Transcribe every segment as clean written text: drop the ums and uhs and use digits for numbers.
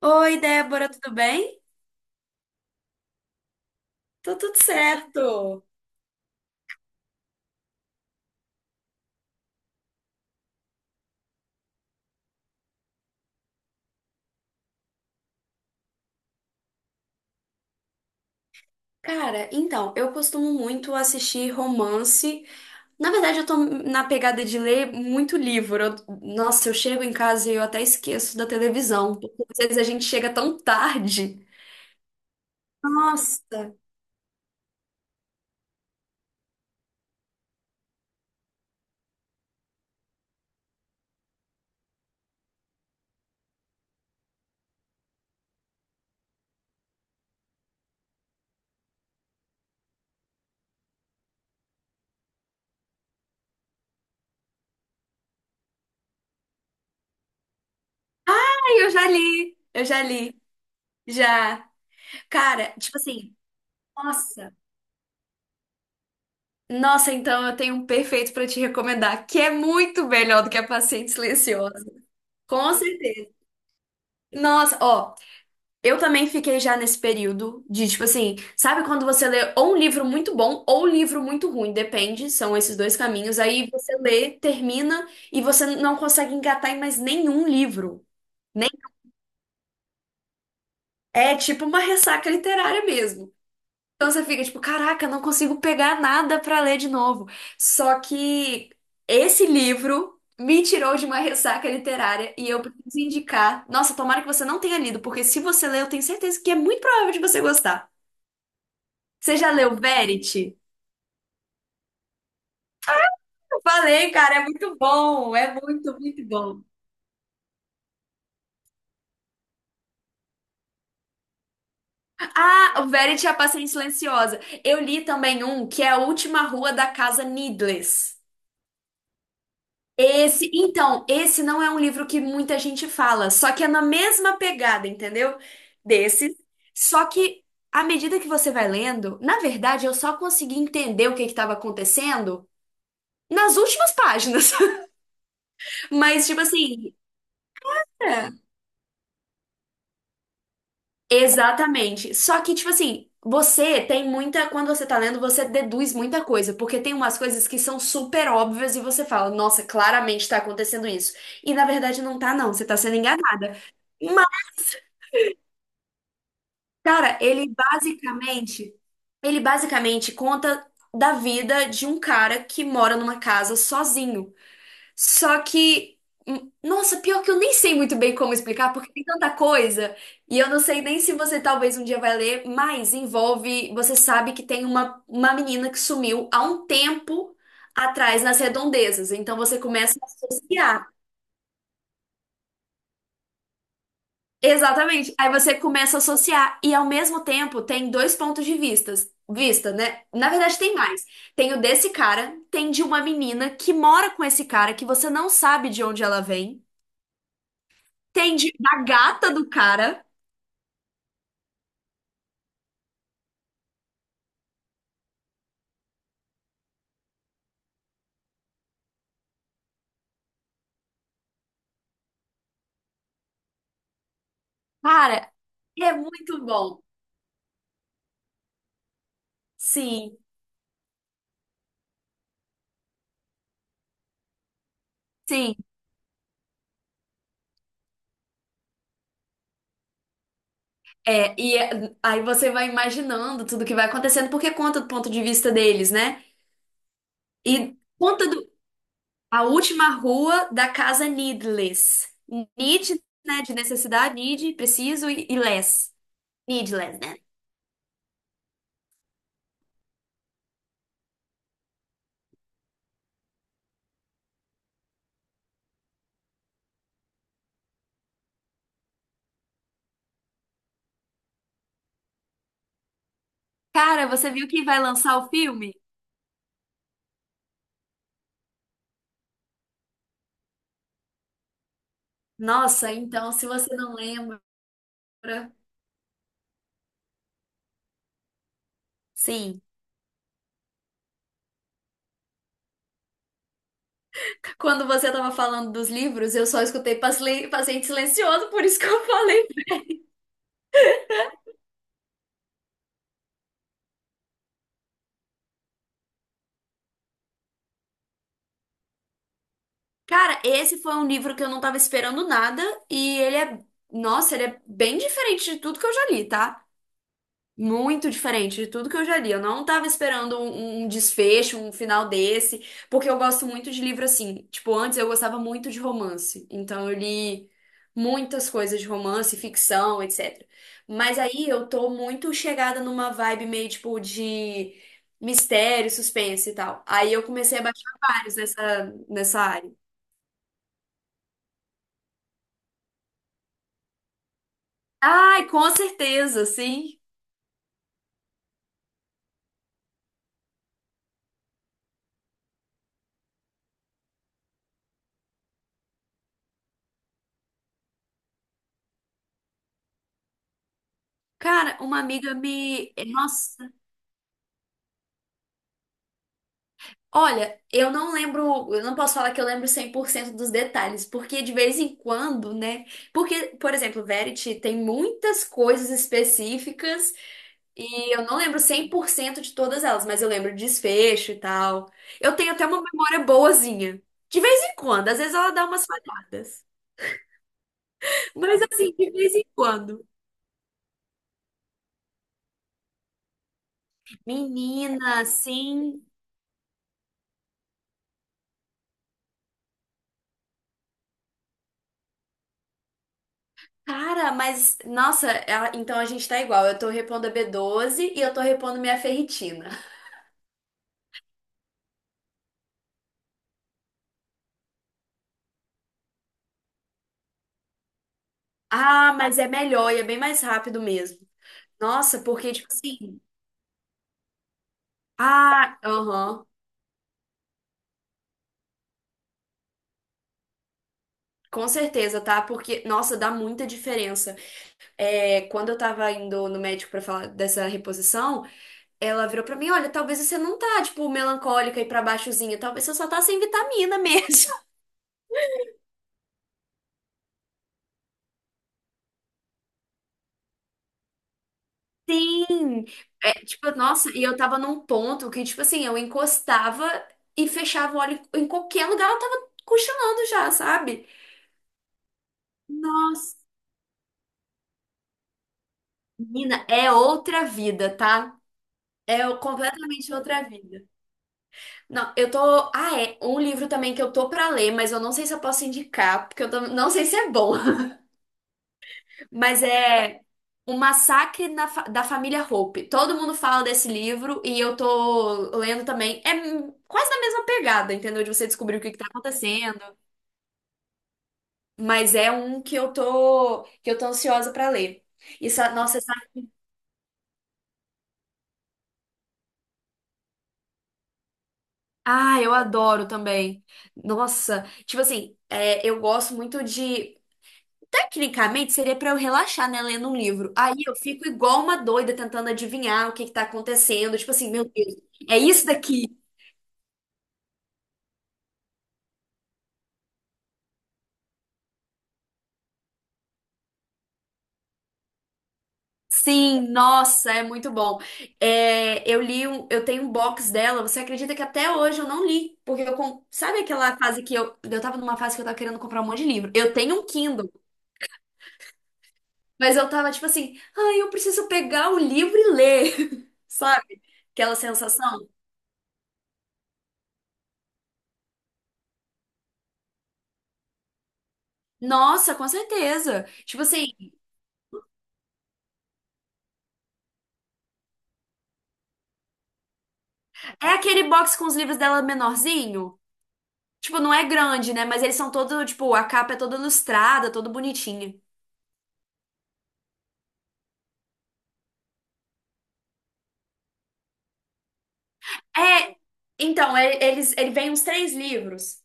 Oi, Débora, tudo bem? Tô tudo certo. Cara, então, eu costumo muito assistir romance. Na verdade, eu tô na pegada de ler muito livro. Nossa, eu chego em casa e eu até esqueço da televisão, porque às vezes a gente chega tão tarde. Nossa. Ai, eu já li. Eu já li. Já. Cara, tipo assim, nossa. Nossa, então eu tenho um perfeito pra te recomendar, que é muito melhor do que a Paciente Silenciosa. Com certeza. Nossa, ó. Eu também fiquei já nesse período de, tipo assim, sabe quando você lê ou um livro muito bom ou um livro muito ruim, depende, são esses dois caminhos. Aí você lê, termina e você não consegue engatar em mais nenhum livro. Nem... É tipo uma ressaca literária mesmo. Então você fica tipo, caraca, não consigo pegar nada pra ler de novo. Só que esse livro me tirou de uma ressaca literária e eu preciso indicar. Nossa, tomara que você não tenha lido, porque se você ler, eu tenho certeza que é muito provável de você gostar. Você já leu Verity? Eu falei, cara, é muito bom, é muito, muito bom. Ah, o Verity é a Paciente Silenciosa. Eu li também um que é A Última Rua da Casa Needless. Esse, então, esse não é um livro que muita gente fala, só que é na mesma pegada, entendeu? Desse. Só que à medida que você vai lendo, na verdade, eu só consegui entender o que que estava acontecendo nas últimas páginas. Mas, tipo assim, é. Exatamente. Só que, tipo assim, você tem muita. Quando você tá lendo, você deduz muita coisa, porque tem umas coisas que são super óbvias e você fala, nossa, claramente tá acontecendo isso. E na verdade não tá, não. Você tá sendo enganada. Mas, cara, Ele basicamente conta da vida de um cara que mora numa casa sozinho. Só que, nossa, pior que eu nem sei muito bem como explicar, porque tem tanta coisa, e eu não sei nem se você talvez um dia vai ler, mas envolve, você sabe que tem uma menina que sumiu há um tempo atrás nas redondezas, então você começa a associar. Exatamente. Aí você começa a associar e ao mesmo tempo tem dois pontos de vistas, vista, né? Na verdade tem mais. Tem o desse cara, tem de uma menina que mora com esse cara que você não sabe de onde ela vem. Tem de, da gata do cara. Cara, é muito bom. Sim, sim. É, e aí você vai imaginando tudo que vai acontecendo, porque conta do ponto de vista deles, né? E conta A Última Rua da Casa Needless. Need, né? De necessidade, need, preciso e less. Needless, né? Cara, você viu que vai lançar o filme? Nossa, então, se você não lembra, sim. Quando você tava falando dos livros, eu só escutei Paciente Silencioso, por isso que eu falei. Cara, esse foi um livro que eu não tava esperando nada e ele é, nossa, ele é bem diferente de tudo que eu já li, tá? Muito diferente de tudo que eu já li. Eu não estava esperando um, um desfecho, um final desse, porque eu gosto muito de livro assim. Tipo, antes eu gostava muito de romance. Então eu li muitas coisas de romance, ficção, etc. Mas aí eu tô muito chegada numa vibe meio tipo de mistério, suspense e tal. Aí eu comecei a baixar vários nessa área. Ai, com certeza, sim. Cara, uma amiga me. Nossa. Olha, eu não lembro, eu não posso falar que eu lembro 100% dos detalhes, porque de vez em quando, né? Porque, por exemplo, Verity tem muitas coisas específicas e eu não lembro 100% de todas elas, mas eu lembro desfecho e tal. Eu tenho até uma memória boazinha. De vez em quando, às vezes ela dá umas falhadas. Mas assim, de vez em quando. Menina, sim. Cara, mas nossa, então a gente tá igual. Eu tô repondo a B12 e eu tô repondo minha ferritina. Ah, mas é melhor e é bem mais rápido mesmo. Nossa, porque, tipo assim. Ah, aham. Com certeza, tá? Porque, nossa, dá muita diferença. É, quando eu tava indo no médico pra falar dessa reposição, ela virou pra mim: olha, talvez você não tá, tipo, melancólica e pra baixozinha. Talvez você só tá sem vitamina mesmo. Sim! É, tipo, nossa, e eu tava num ponto que, tipo assim, eu encostava e fechava o olho em qualquer lugar, eu tava cochilando já, sabe? Nossa. Menina, é outra vida, tá? É completamente outra vida. Não, eu tô. Ah, é. Um livro também que eu tô pra ler, mas eu não sei se eu posso indicar, porque eu não sei se é bom. Mas é O Massacre da Família Hope. Todo mundo fala desse livro e eu tô lendo também. É quase na mesma pegada, entendeu? De você descobrir o que que tá acontecendo. Mas é um que que eu tô ansiosa pra ler. Isso, é, nossa, ah, eu adoro também. Nossa, tipo assim, é, eu gosto muito de. Tecnicamente, seria pra eu relaxar, né, lendo um livro. Aí eu fico igual uma doida tentando adivinhar o que que tá acontecendo. Tipo assim, meu Deus, é isso daqui. Sim, nossa, é muito bom. É, eu li um, eu tenho um box dela. Você acredita que até hoje eu não li? Porque sabe aquela fase que eu tava numa fase que eu, tava querendo comprar um monte de livro. Eu tenho um Kindle, mas eu tava tipo assim, ai, eu preciso pegar o livro e ler. Sabe? Aquela sensação? Nossa, com certeza. Tipo assim, é aquele box com os livros dela menorzinho. Tipo, não é grande, né? Mas eles são todo, tipo, a capa é toda ilustrada, todo bonitinha. É, então, eles, ele vem uns três livros.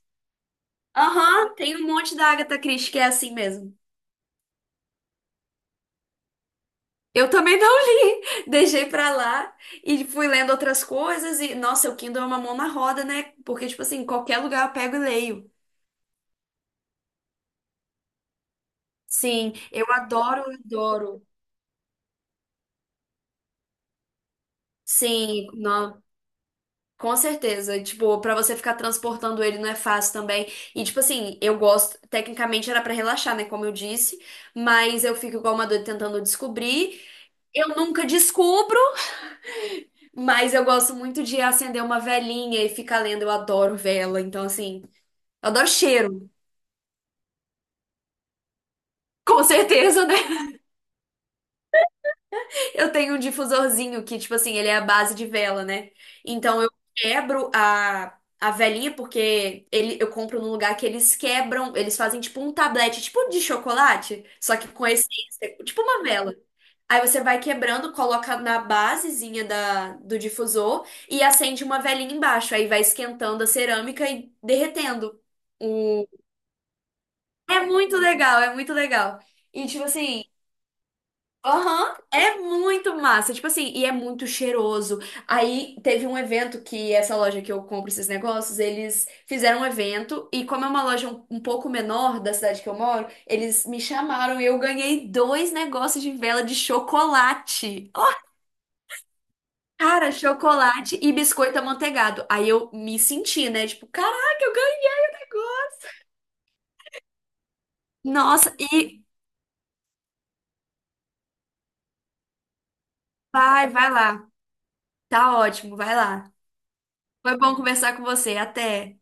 Aham, tem um monte da Agatha Christie que é assim mesmo. Eu também não li, deixei pra lá e fui lendo outras coisas e, nossa, o Kindle é uma mão na roda, né? Porque, tipo assim, em qualquer lugar eu pego e leio. Sim, eu adoro, adoro. Sim, com certeza, tipo, pra você ficar transportando ele não é fácil também. E tipo assim, eu gosto, tecnicamente era pra relaxar, né, como eu disse, mas eu fico igual uma doida tentando descobrir. Eu nunca descubro, mas eu gosto muito de acender uma velinha e ficar lendo, eu adoro vela, então assim, eu adoro cheiro. Com certeza, né? Eu tenho um difusorzinho que, tipo assim, ele é a base de vela, né? Então eu quebro a velinha, porque ele, eu compro num lugar que eles quebram, eles fazem tipo um tablete, tipo de chocolate, só que com essência, tipo uma vela. Aí você vai quebrando, coloca na basezinha da, do difusor e acende uma velinha embaixo. Aí vai esquentando a cerâmica e derretendo. O... É muito legal, é muito legal. E tipo assim. Aham, é muito massa, tipo assim, e é muito cheiroso. Aí teve um evento que essa loja que eu compro esses negócios, eles fizeram um evento e como é uma loja um pouco menor da cidade que eu moro, eles me chamaram e eu ganhei dois negócios de vela de chocolate. Ó, cara, chocolate e biscoito amanteigado. Aí eu me senti, né? Tipo, caraca, eu ganhei o negócio. Nossa, e vai, vai lá. Tá ótimo, vai lá. Foi bom conversar com você. Até.